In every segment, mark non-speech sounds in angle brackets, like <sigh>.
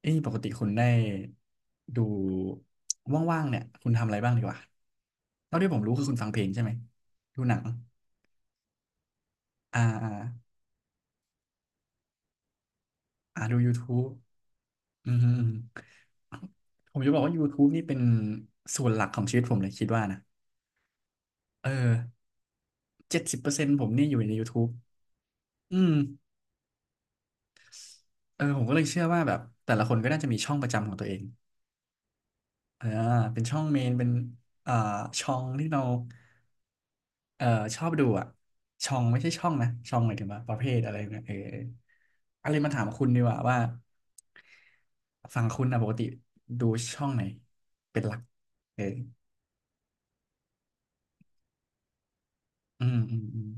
เอ้ยปกติคุณได้ดูว่างๆเนี่ยคุณทำอะไรบ้างดีกว่าเท่าที่ผมรู้คือคุณฟังเพลงใช่ไหมดูหนังอ่าอ่าอ่าดู YouTube อืมฮึอืมฮึผมจะบอกว่า YouTube นี่เป็นส่วนหลักของชีวิตผมเลยคิดว่านะเออ70%ผมนี่อยู่ใน YouTube อืมเออผมก็เลยเชื่อว่าแบบแต่ละคนก็น่าจะมีช่องประจำของตัวเองอ่าเป็นช่องเมนเป็นอ่าช่องที่เรา เออชอบดูอ่ะช่องไม่ใช่ช่องนะช่องหมายถึงว่าประเภทอะไรเนี่ยเอออะไรมาถามคุณดีกว่าว่าฝั่งคุณอ่ะปกติดูช่องไหนเป็นหลักเอออืมอืมอืม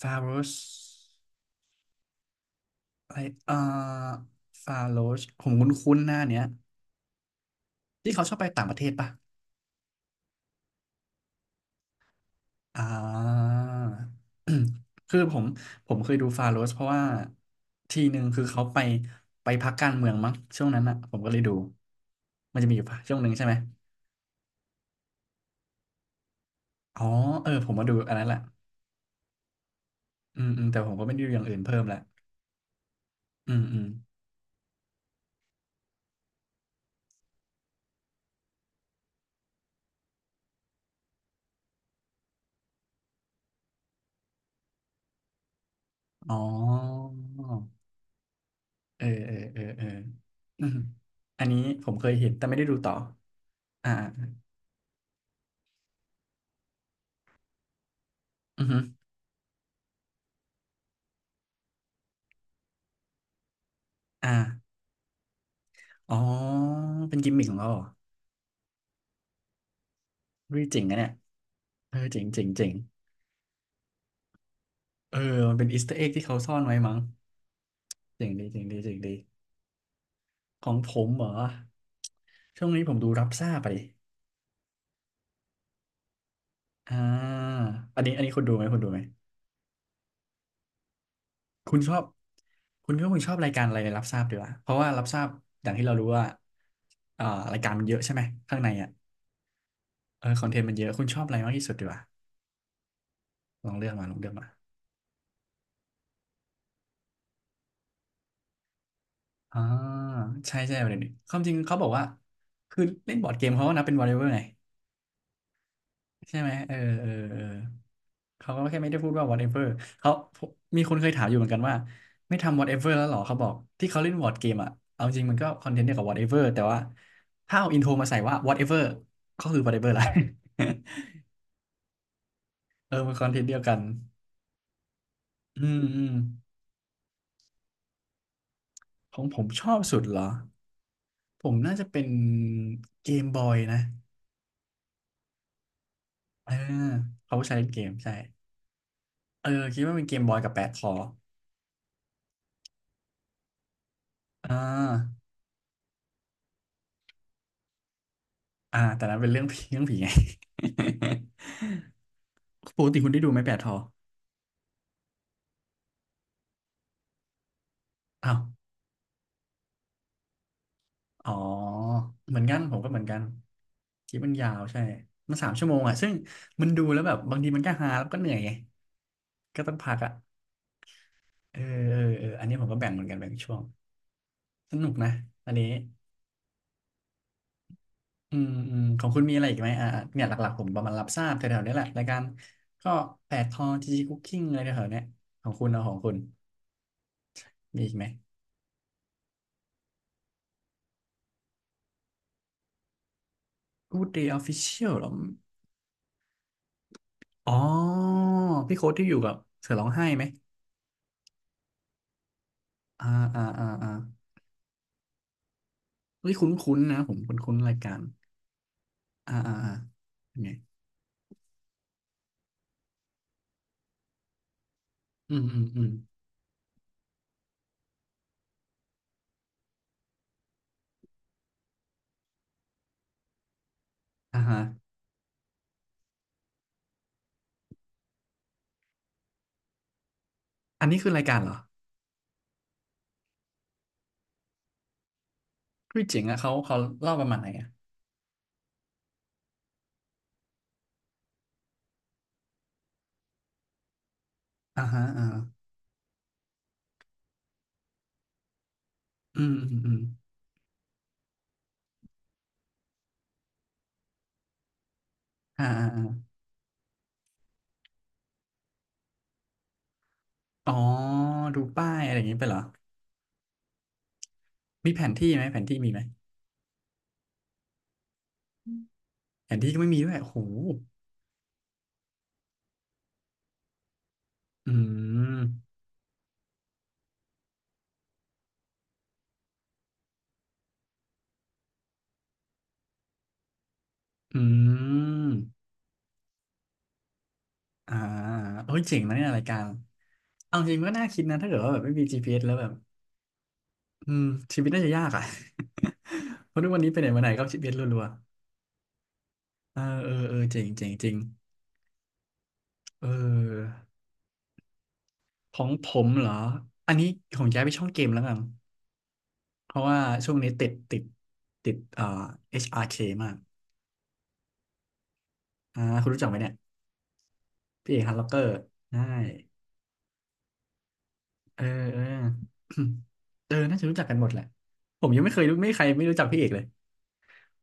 ฟาโรสอะไรเอ่อฟาโรสผมคุ้นๆหน้าเนี้ยที่เขาชอบไปต่างประเทศป่ะ อ่า <clears throat> อืมคือผมเคยดูฟาโรสเพราะว่าทีหนึ่งคือเขาไปพักการเมืองมั้งช่วงนั้นอ่ะผมก็เลยดูมันจะมีอยู่ช่วงหนึ่งใช่ไหมอ๋อเออผมมาดูอันนั้นแหละอืมอืมแต่ผมก็ไม่ได้ดูอย่างอื่นเพิ่มละอืมอืมอ๋อเออเออเออเออ <clears throat> อืมอันนี้ผมเคยเห็นแต่ไม่ได้ดูต่ออ่าอือฮึอ่าอ๋อเป็นกิมมิคของเขาเหรอเฮ้ยเจ๋งนะเนี่ยเออเจ๋งเจ๋งเจ๋ง เออมันเป็นอีสเตอร์เอ็กที่เขาซ่อนไว้มั้งเจ๋งดีเจ๋งดีเจ๋งดีของผมเหรอช่วงนี้ผมดูรับซ่าไปอ่าอันนี้คุณดูไหมคุณดูไหมคุณชอบ คุณก็คงชอบรายการอะไรในรับทราบดีวะเพราะว่ารับทราบอย่างที่เรารู้ว่าอ่ารายการมันเยอะใช่ไหมข้างในอ่ะเออคอนเทนต์มันเยอะคุณชอบอะไรมากที่สุดดีวะลองเลือกมาลองเลือกมาอ่าใช่ใช่ประเด็นนี้ความจริงเขาบอกว่าคือเล่นบอร์ดเกมเขาก็นับเป็นวอลเลย์บอลไง ใช่ไหมเออเออเออเขาก็แค่ไม่ได้พูดว่า whatever เขา มีคนเคยถามอยู่เหมือนกันว่า ไม่ทำ whatever แล้วเหรอ เขาบอก ที่เขาเล่นวอร์ g เกมอะเอาจริงมันก็คอนเทนต์เดียวกับ whatever แต่ว่า ถ้าเอาอินโทรมาใส่ว่า whatever ก็คือ whatever ละ <laughs> เออมันคอนเทนต์เดียวกัน อืม อืม ของผมชอบสุดเหรอ ผมน่าจะเป็นเกมบอยนะ เออ เขาใช้เล่นเกมใช่ เออคิดว่าเป็นเกมบอยกับแปดคออ่าอ่าแต่นั้นเป็นเรื่อง <laughs> ผีเรื่องผีไง <laughs> ปกติคุณได้ดูไหมแปดทออ้าวอ๋อเหมือนกันผมก็เหมือนกันคลิปมันยาวใช่มัน3 ชั่วโมงอ่ะซึ่งมันดูแล้วแบบบางทีมันก็ฮาแล้วก็เหนื่อยไงก็ต้องพักอ่ะเออเออเอออันนี้ผมก็แบ่งเหมือนกันแบ่งช่วงสนุกนะอันนี้อืมอืมของคุณมีอะไรอีกไหมอ่าเนี่ยหลักๆผมประมาณรับทราบแถวๆนี้แหละรายการก็แปดทอจีจีคุกกิ้งอะไรแถวๆเนี้ยของคุณเอาของคุณมีอีกไหม Good Day Official เหรออ๋อพี่โค้ดที่อยู่กับเสือร้องไห้ไหม อ่าอ่าอ่าอ่าเฮ้ยคุ้นคุ้นนะผมคุ้นๆรายการอ่าอ่าอ่ายังไงอืมอืมอืมอ่าฮะอันนี้คือรายการเหรอคือเจ๋งอะเขาเล่าประมาณไหนอะอ่าฮะอ่าอืมอืมอืมอ่าอ่าอ่าอ๋อดูป้ายอะไรอย่างงี้ไปเหรอมีแผนที่ไหมแผนที่มีไหมแผนที่ก็ไม่มีด้วยโอ้โหอืมอืมอ่าเฮ้ยเจ๋งนะเนี่ยรายการเอาจริงก็น่าคิดนะถ้าเกิดว่าแบบไม่มี GPS แล้วแบบ อืมชีวิตน่าจะยากอ่ะ <laughs> เพราะทุกวันนี้ไปไหนมาไหนก็ชีวิตรัวๆเออเออเออเจ๋งเจ๋งจริงเออของผมเหรออันนี้ของย้ายไปช่องเกมแล้วกันเพราะว่าช่วงนี้ติดHRK มากอ่าคุณรู้จักไหมเนี่ยพี่เอกฮันล็อกเกอร์ใช่เออเออ <coughs> เออน่าจะรู้จักกันหมดแหละผมยังไม่เคยรู้ไม่มีใครไม่รู้จักพี่เอกเลย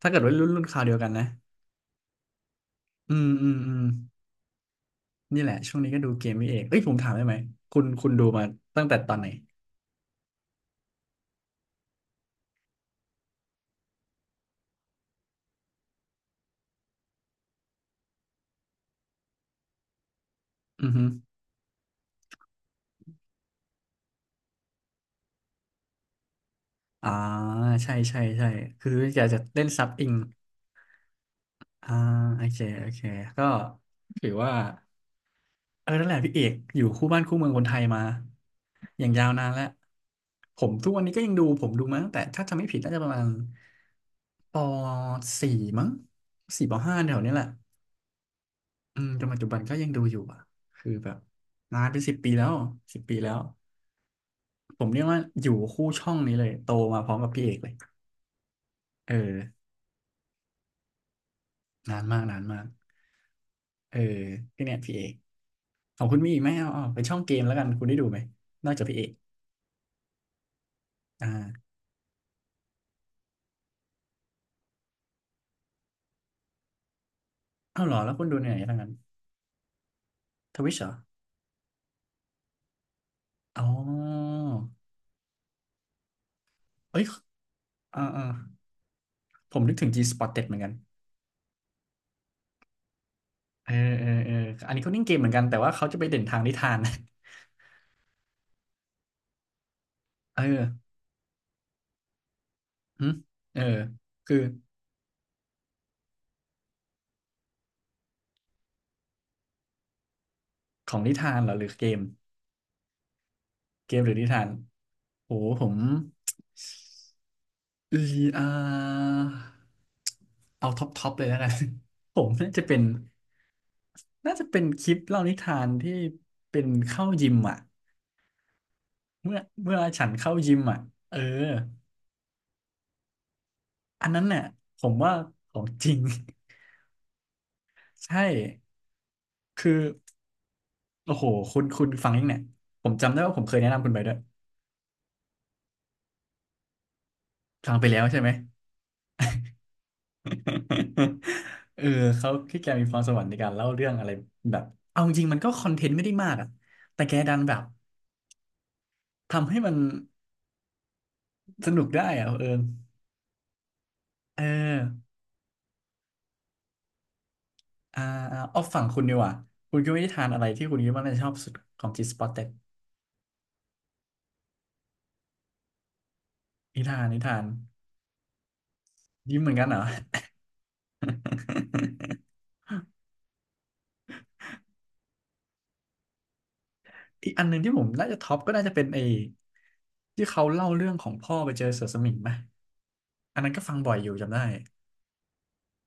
ถ้าเกิดว่ารุ่นคราวเดียวกันนะอืมอืมอืม นี่แหละช่วงนี้ก็ดูเกมนี่เองเอ้ยผมถามได้ไหมคุณคุณดูมาตั้งแต่ตอนไหน อือฮึอ่าใช่ใช่ใช่คืออยากจะเล่นซับอิงอ่าโอเคโอเคก็ถือว่าเออนั่นแหละพี่เอกอยู่คู่บ้านคู่เมืองคนไทยมาอย่างยาวนานแล้วผมทุกวันนี้ก็ยังดูผมดูมาตั้งแต่ถ้าจำไม่ผิดน่าจะประมาณปสี่มั้งสี่ปห้าแถวเนี้ยแหละอืมจนปัจจุบันก็ยังดูอยู่อ่ะคือแบบนานเป็นสิบปีแล้วสิบปีแล้ว ผมเรียกว่าอยู่คู่ช่องนี้เลยโตมาพร้อมกับพี่เอกเลยเออนานมากนานมากเออพี่เนี่ยพี่เอกของคุณมีอีกไหมเอาเอาเป็นช่องเกมแล้วกันคุณได้ดูไหมนอกจากพี่เอกอ่าเอาเหรอแล้วคุณดูในไหนทั้งนั้นทวิชเหรออ๋อเอ้ยอ่าผมนึกถึง G-Spotted เหมือนกันเออเอออันนี้เขาเล่นเกมเหมือนกันแต่ว่าเขาจะไปเด่นทางนิทาน <laughs> เออหึเออคือของนิทานเหรอหรือเกมเกมหรือนิทานโหผม เอออ่าเอาท็อปท็อปเลยแล้วกัน <laughs> ผมน่าจะเป็นน่าจะเป็นคลิปเล่านิทานที่เป็นเข้ายิมอ่ะเมื่อเมื่อฉันเข้ายิมอ่ะเอออันนั้นเนี่ยผมว่าของจริง <laughs> ใช่คือโอ้โหคุณฟังยังเนี่ยผมจำได้ว่าผมเคยแนะนำคุณไปด้วยฟังไปแล้วใช่ไหม <laughs> เออเขาที่แกมีพรสวรรค์ในการเล่าเรื่องอะไรแบบเอาจริงๆมันก็คอนเทนต์ไม่ได้มากอ่ะแต่แกดันแบบทำให้มัน สนุกได้อะเออเอออ่าอ่าเอาฝั่งคุณดีกว่าคุณคิดว่านิทานอะไรที่คุณคิดว่าน่าจะชอบสุดของจีสปอ o เต็ดนิทานนิทานยิ้มเหมือนกันเหรอ <laughs> อีกอันหนึ่งที่ผมน่าจะท็อปก็น่าจะเป็นไอ้ที่เขาเล่าเรื่องของพ่อไปเจอเสือสมิงไหมอันนั้นก็ฟังบ่อยอยู่จำได้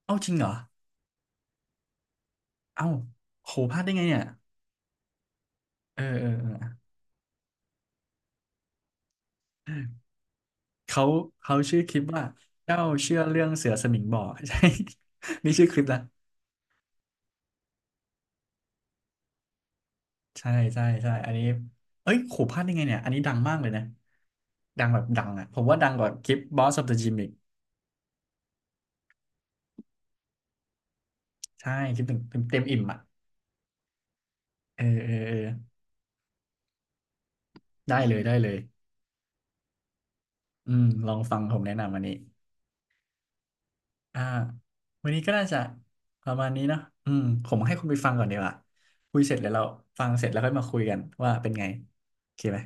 เอ้าจริงเหรอเอ้าโหพลาดได้ไงเนี่ยเออเขาเขาชื่อคลิปว่าเจ้าเชื่อเรื่องเสือสมิงบ่อ <laughs> ใช่ <laughs> นี่ชื่อคลิปนะ ใช่ใช่ใช่อันนี้เอ้ยขู่พลาดได้ไงเนี่ยอันนี้ดังมากเลยนะดังแบบดังอ่ะผมว่าดังกว่าคลิป Boss of the Gym อีกใช่คลิปหนึ่งเต็มเต็มอิ่มอ่ะเออได้เลยได้เลยอืมลองฟังผมแนะนำวันนี้อ่าวันนี้ก็น่าจะประมาณนี้เนาะอืมผมให้คุณไปฟังก่อนดีกว่าคุยเสร็จแล้วเราฟังเสร็จแล้วค่อยมาคุยกันว่าเป็นไงโอเคไหม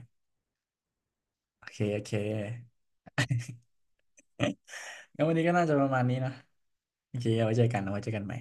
โอเคโอเคงั้นวันนี้ก็น่าจะประมาณนี้นะโอเคเอาไว้เจอกันเอาไว้เจอกันใหม่